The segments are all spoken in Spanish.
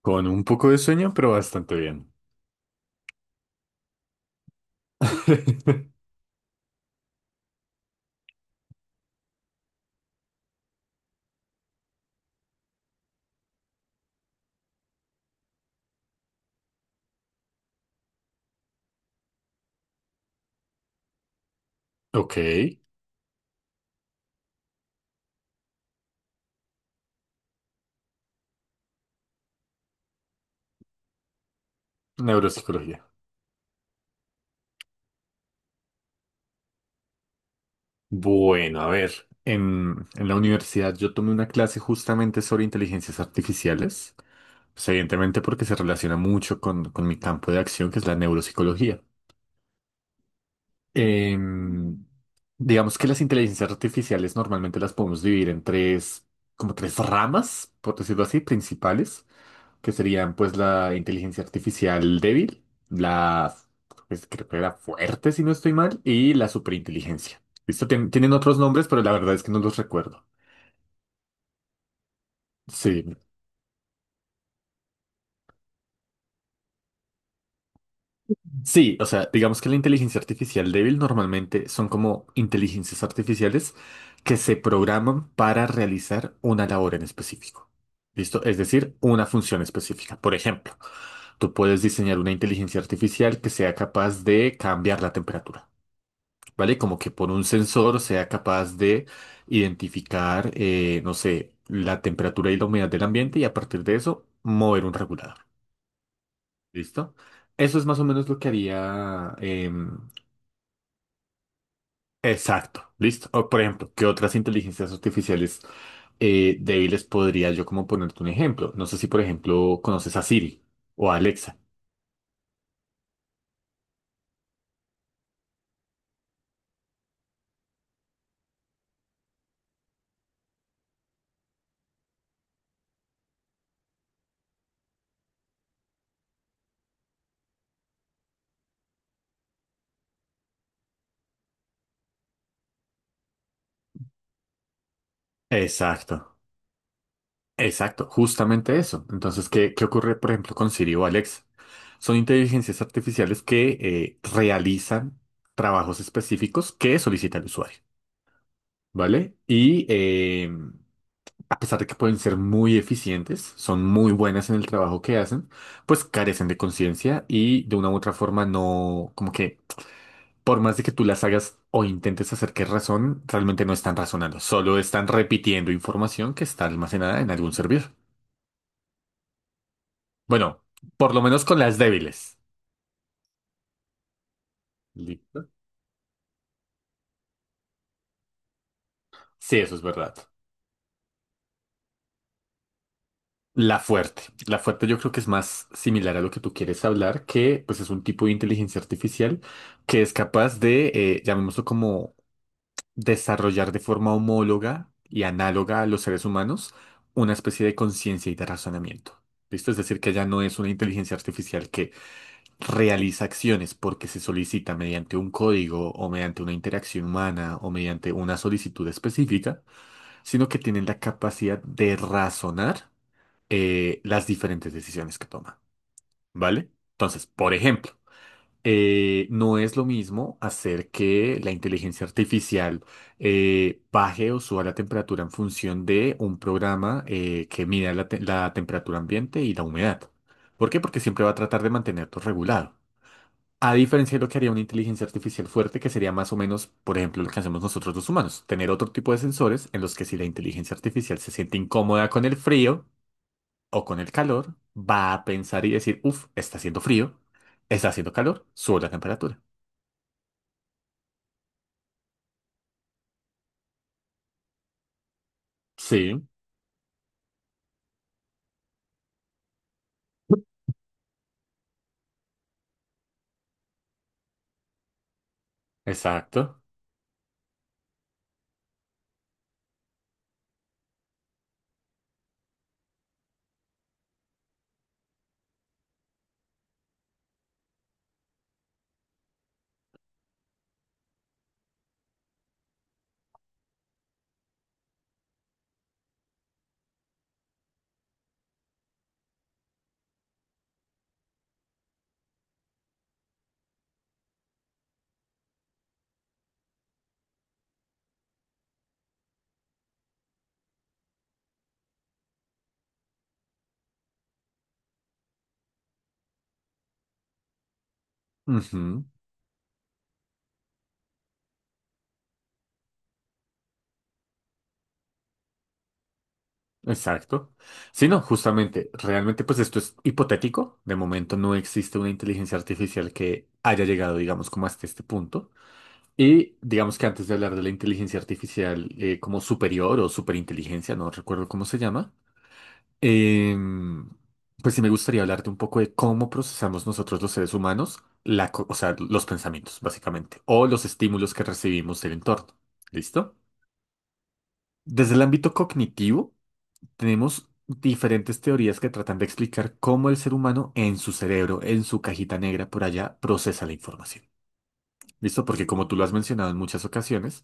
Con un poco de sueño, pero bastante bien. Ok, neuropsicología. Bueno, a ver, en la universidad yo tomé una clase justamente sobre inteligencias artificiales, pues evidentemente porque se relaciona mucho con mi campo de acción, que es la neuropsicología. Em, digamos que las inteligencias artificiales normalmente las podemos dividir en tres, como tres ramas, por decirlo así, principales, que serían pues la inteligencia artificial débil, la, pues, creo que era fuerte si no estoy mal, y la superinteligencia. Listo, tienen otros nombres, pero la verdad es que no los recuerdo. Sí, sí, o sea, digamos que la inteligencia artificial débil normalmente son como inteligencias artificiales que se programan para realizar una labor en específico. ¿Listo? Es decir, una función específica. Por ejemplo, tú puedes diseñar una inteligencia artificial que sea capaz de cambiar la temperatura. ¿Vale? Como que por un sensor sea capaz de identificar, no sé, la temperatura y la humedad del ambiente y a partir de eso mover un regulador. ¿Listo? Eso es más o menos lo que haría exacto, ¿listo? O, por ejemplo, ¿qué otras inteligencias artificiales débiles podría yo como ponerte un ejemplo? No sé si, por ejemplo, conoces a Siri o a Alexa. Exacto, exacto, justamente eso. Entonces, ¿qué ocurre, por ejemplo, con Siri o Alexa? Son inteligencias artificiales que realizan trabajos específica que solicita el usuario, ¿vale? Y a pesar de que pueden ser muy eficientes, son muy buenas en el trabajo que hacen, pues carecen de conciencia y de una u otra forma no, como que por más de que tú las hagas o intentes hacer que razonen, realmente no están razonando, solo están repitiendo información que está almacenada en algún servidor. Bueno, por lo menos con las débiles. ¿Listo? Sí, eso es verdad. La fuerte. La fuerte yo creo que es más similar a lo que tú quieres hablar, que pues es un tipo de inteligencia artificial que es capaz de, llamémoslo como, desarrollar de forma homóloga y análoga a los seres humanos una especie de conciencia y de razonamiento. ¿Listo? Es decir, que ya no es una inteligencia artificial que realiza acciones porque se solicita mediante un código o mediante una interacción humana o mediante una solicitud específica, sino que tienen la capacidad de razonar las diferentes decisiones que toma, ¿vale? Entonces, por ejemplo, no es lo mismo hacer que la inteligencia artificial baje o suba la temperatura en función de un programa que mida la temperatura ambiente y la humedad. ¿Por qué? Porque siempre va a tratar de mantener todo regulado. A diferencia de lo que haría una inteligencia artificial fuerte, que sería más o menos, por ejemplo, lo que hacemos nosotros los humanos, tener otro tipo de sensores en los que si la inteligencia artificial se siente incómoda con el frío, o con el calor, va a pensar y decir, uff, está haciendo frío, está haciendo calor, subo la temperatura. Sí, exacto. Ujú, exacto. Sí, no, justamente, realmente pues esto es hipotético. De momento no existe una inteligencia artificial que haya llegado, digamos, como hasta este punto. Y digamos que antes de hablar de la inteligencia artificial como superior o superinteligencia, no recuerdo cómo se llama. Em, pues sí me gustaría hablarte un poco de cómo procesamos nosotros los seres humanos, o sea, los pensamientos, básicamente, o los estímulos que recibimos del entorno. ¿Listo? Desde el ámbito cognitivo, tenemos diferentes teorías que tratan de explicar cómo el ser humano en su cerebro, en su cajita negra por allá, procesa la información. ¿Listo? Porque como tú lo has mencionado en muchas ocasiones,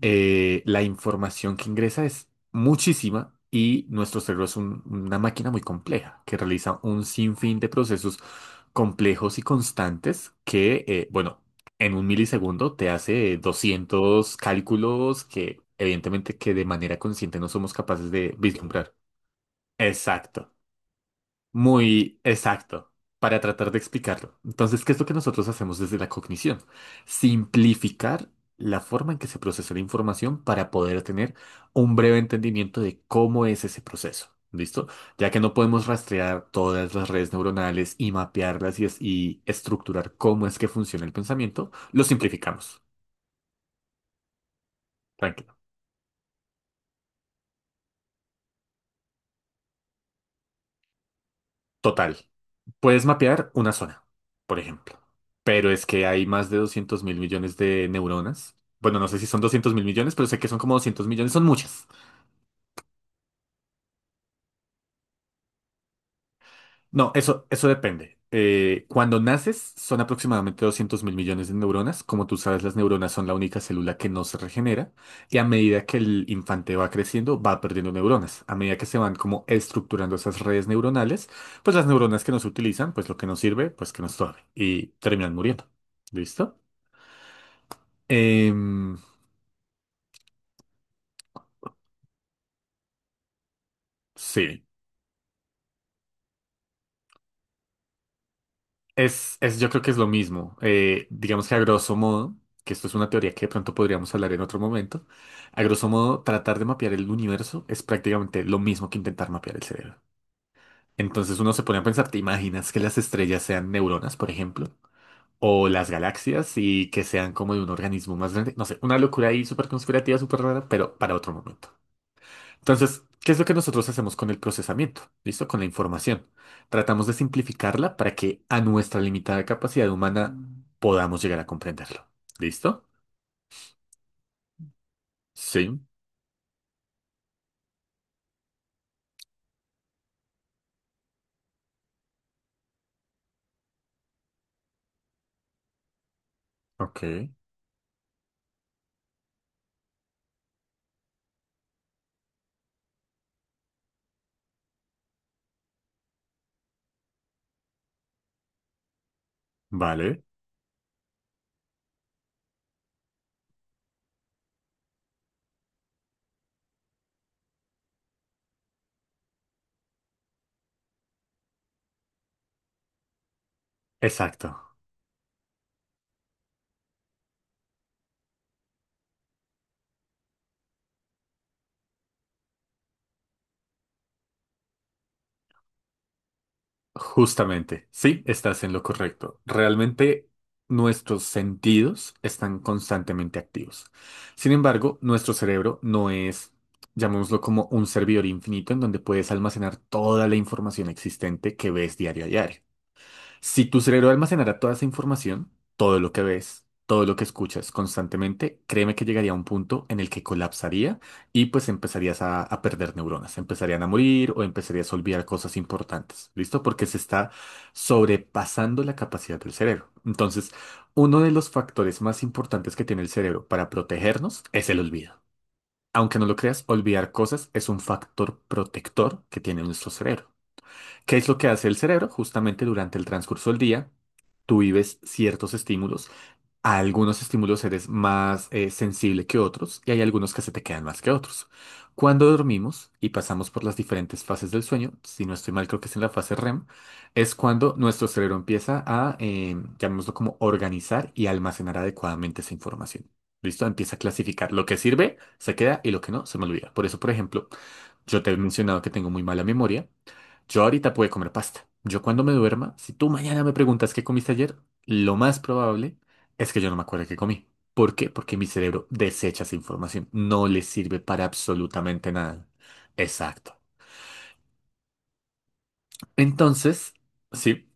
la información que ingresa es muchísima y nuestro cerebro es una máquina muy compleja que realiza un sinfín de procesos complejos y constantes que, bueno, en un milisegundo te hace 200 cálculos que evidentemente que de manera consciente no somos capaces de vislumbrar. Exacto. Muy exacto, para tratar de explicarlo. Entonces, ¿qué es lo que nosotros hacemos desde la cognición? Simplificar la forma en que se procesa la información para poder tener un breve entendimiento de cómo es ese proceso. ¿Listo? Ya que no podemos rastrear todas las redes neuronales y mapearlas y, y estructurar cómo es que funciona el pensamiento, lo simplificamos. Tranquilo. Total. Puedes mapear una zona, por ejemplo, pero es que hay más de 200 mil millones de neuronas. Bueno, no sé si son 200 mil millones, pero sé que son como 200 millones, son muchas. No, eso depende. Cuando naces son aproximadamente 200 mil millones de neuronas. Como tú sabes, las neuronas son la única célula que no se regenera y a medida que el infante va creciendo va perdiendo neuronas. A medida que se van como estructurando esas redes neuronales, pues las neuronas que no se utilizan, pues lo que nos sirve, pues que nos torbe y terminan muriendo. ¿Listo? Em, sí, yo creo que es lo mismo. Digamos que a grosso modo, que esto es una teoría que de pronto podríamos hablar en otro momento, a grosso modo, tratar de mapear el universo es prácticamente lo mismo que intentar mapear el cerebro. Entonces uno se pone a pensar, ¿te imaginas que las estrellas sean neuronas, por ejemplo? O las galaxias y que sean como de un organismo más grande. No sé, una locura ahí súper conspirativa, súper rara, pero para otro momento. Entonces, ¿qué es lo que nosotros hacemos con el procesamiento? ¿Listo? Con la información. Tratamos de simplificarla para que a nuestra limitada capacidad humana podamos llegar a comprenderlo. ¿Listo? Sí. Ok. Vale. Exacto. Justamente. Sí, estás en lo correcto. Realmente nuestros sentidos están constantemente activos. Sin embargo, nuestro cerebro no es, llamémoslo como un servidor infinito en donde puedes almacenar toda la información existente que ves diario a diario. Si tu cerebro almacenara toda esa información, todo lo que ves, todo lo que escuchas constantemente, créeme que llegaría a un punto en el que colapsaría y pues empezarías a perder neuronas, empezarían a morir o empezarías a olvidar cosas importantes, ¿listo? Porque se está sobrepasando la capacidad del cerebro. Entonces, uno de los factores más importantes que tiene el cerebro para protegernos es el olvido. Aunque no lo creas, olvidar cosas es un factor protector que tiene nuestro cerebro. ¿Qué es lo que hace el cerebro? Justamente durante el transcurso del día, tú vives ciertos estímulos, a algunos estímulos eres más sensible que otros y hay algunos que se te quedan más que otros. Cuando dormimos y pasamos por las diferentes fases del sueño, si no estoy mal creo que es en la fase REM, es cuando nuestro cerebro empieza a, llamémoslo como organizar y almacenar adecuadamente esa información. ¿Listo? Empieza a clasificar. Lo que sirve se queda y lo que no se me olvida. Por eso, por ejemplo, yo te he mencionado que tengo muy mala memoria. Yo ahorita puedo comer pasta. Yo cuando me duerma, si tú mañana me preguntas qué comiste ayer, lo más probable es que yo no me acuerdo qué comí. ¿Por qué? Porque mi cerebro desecha esa información. No le sirve para absolutamente nada. Exacto. Entonces, sí,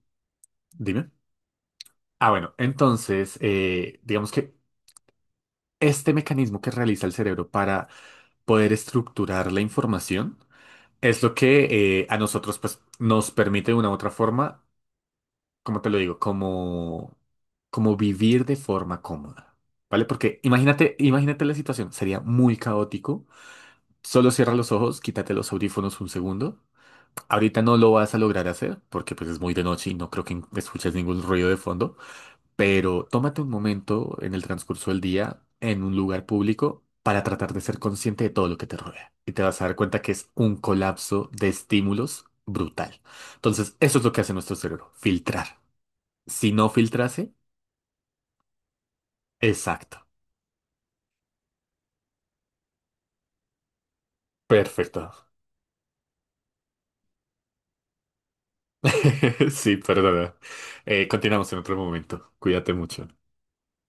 dime. Ah, bueno, entonces, digamos que este mecanismo que realiza el cerebro para poder estructurar la información es lo que a nosotros pues, nos permite de una u otra forma, como te lo digo, como, como vivir de forma cómoda. ¿Vale? Porque imagínate, imagínate la situación, sería muy caótico. Solo cierra los ojos, quítate los audífonos un segundo. Ahorita no lo vas a lograr hacer porque pues es muy de noche y no creo que escuches ningún ruido de fondo, pero tómate un momento en el transcurso del día en un lugar público para tratar de ser consciente de todo lo que te rodea. Y te vas a dar cuenta que es un colapso de estímulos brutal. Entonces, eso es lo que hace nuestro cerebro, filtrar. Si no filtrase, exacto. Perfecto. Sí, perdona. Continuamos en otro momento. Cuídate mucho.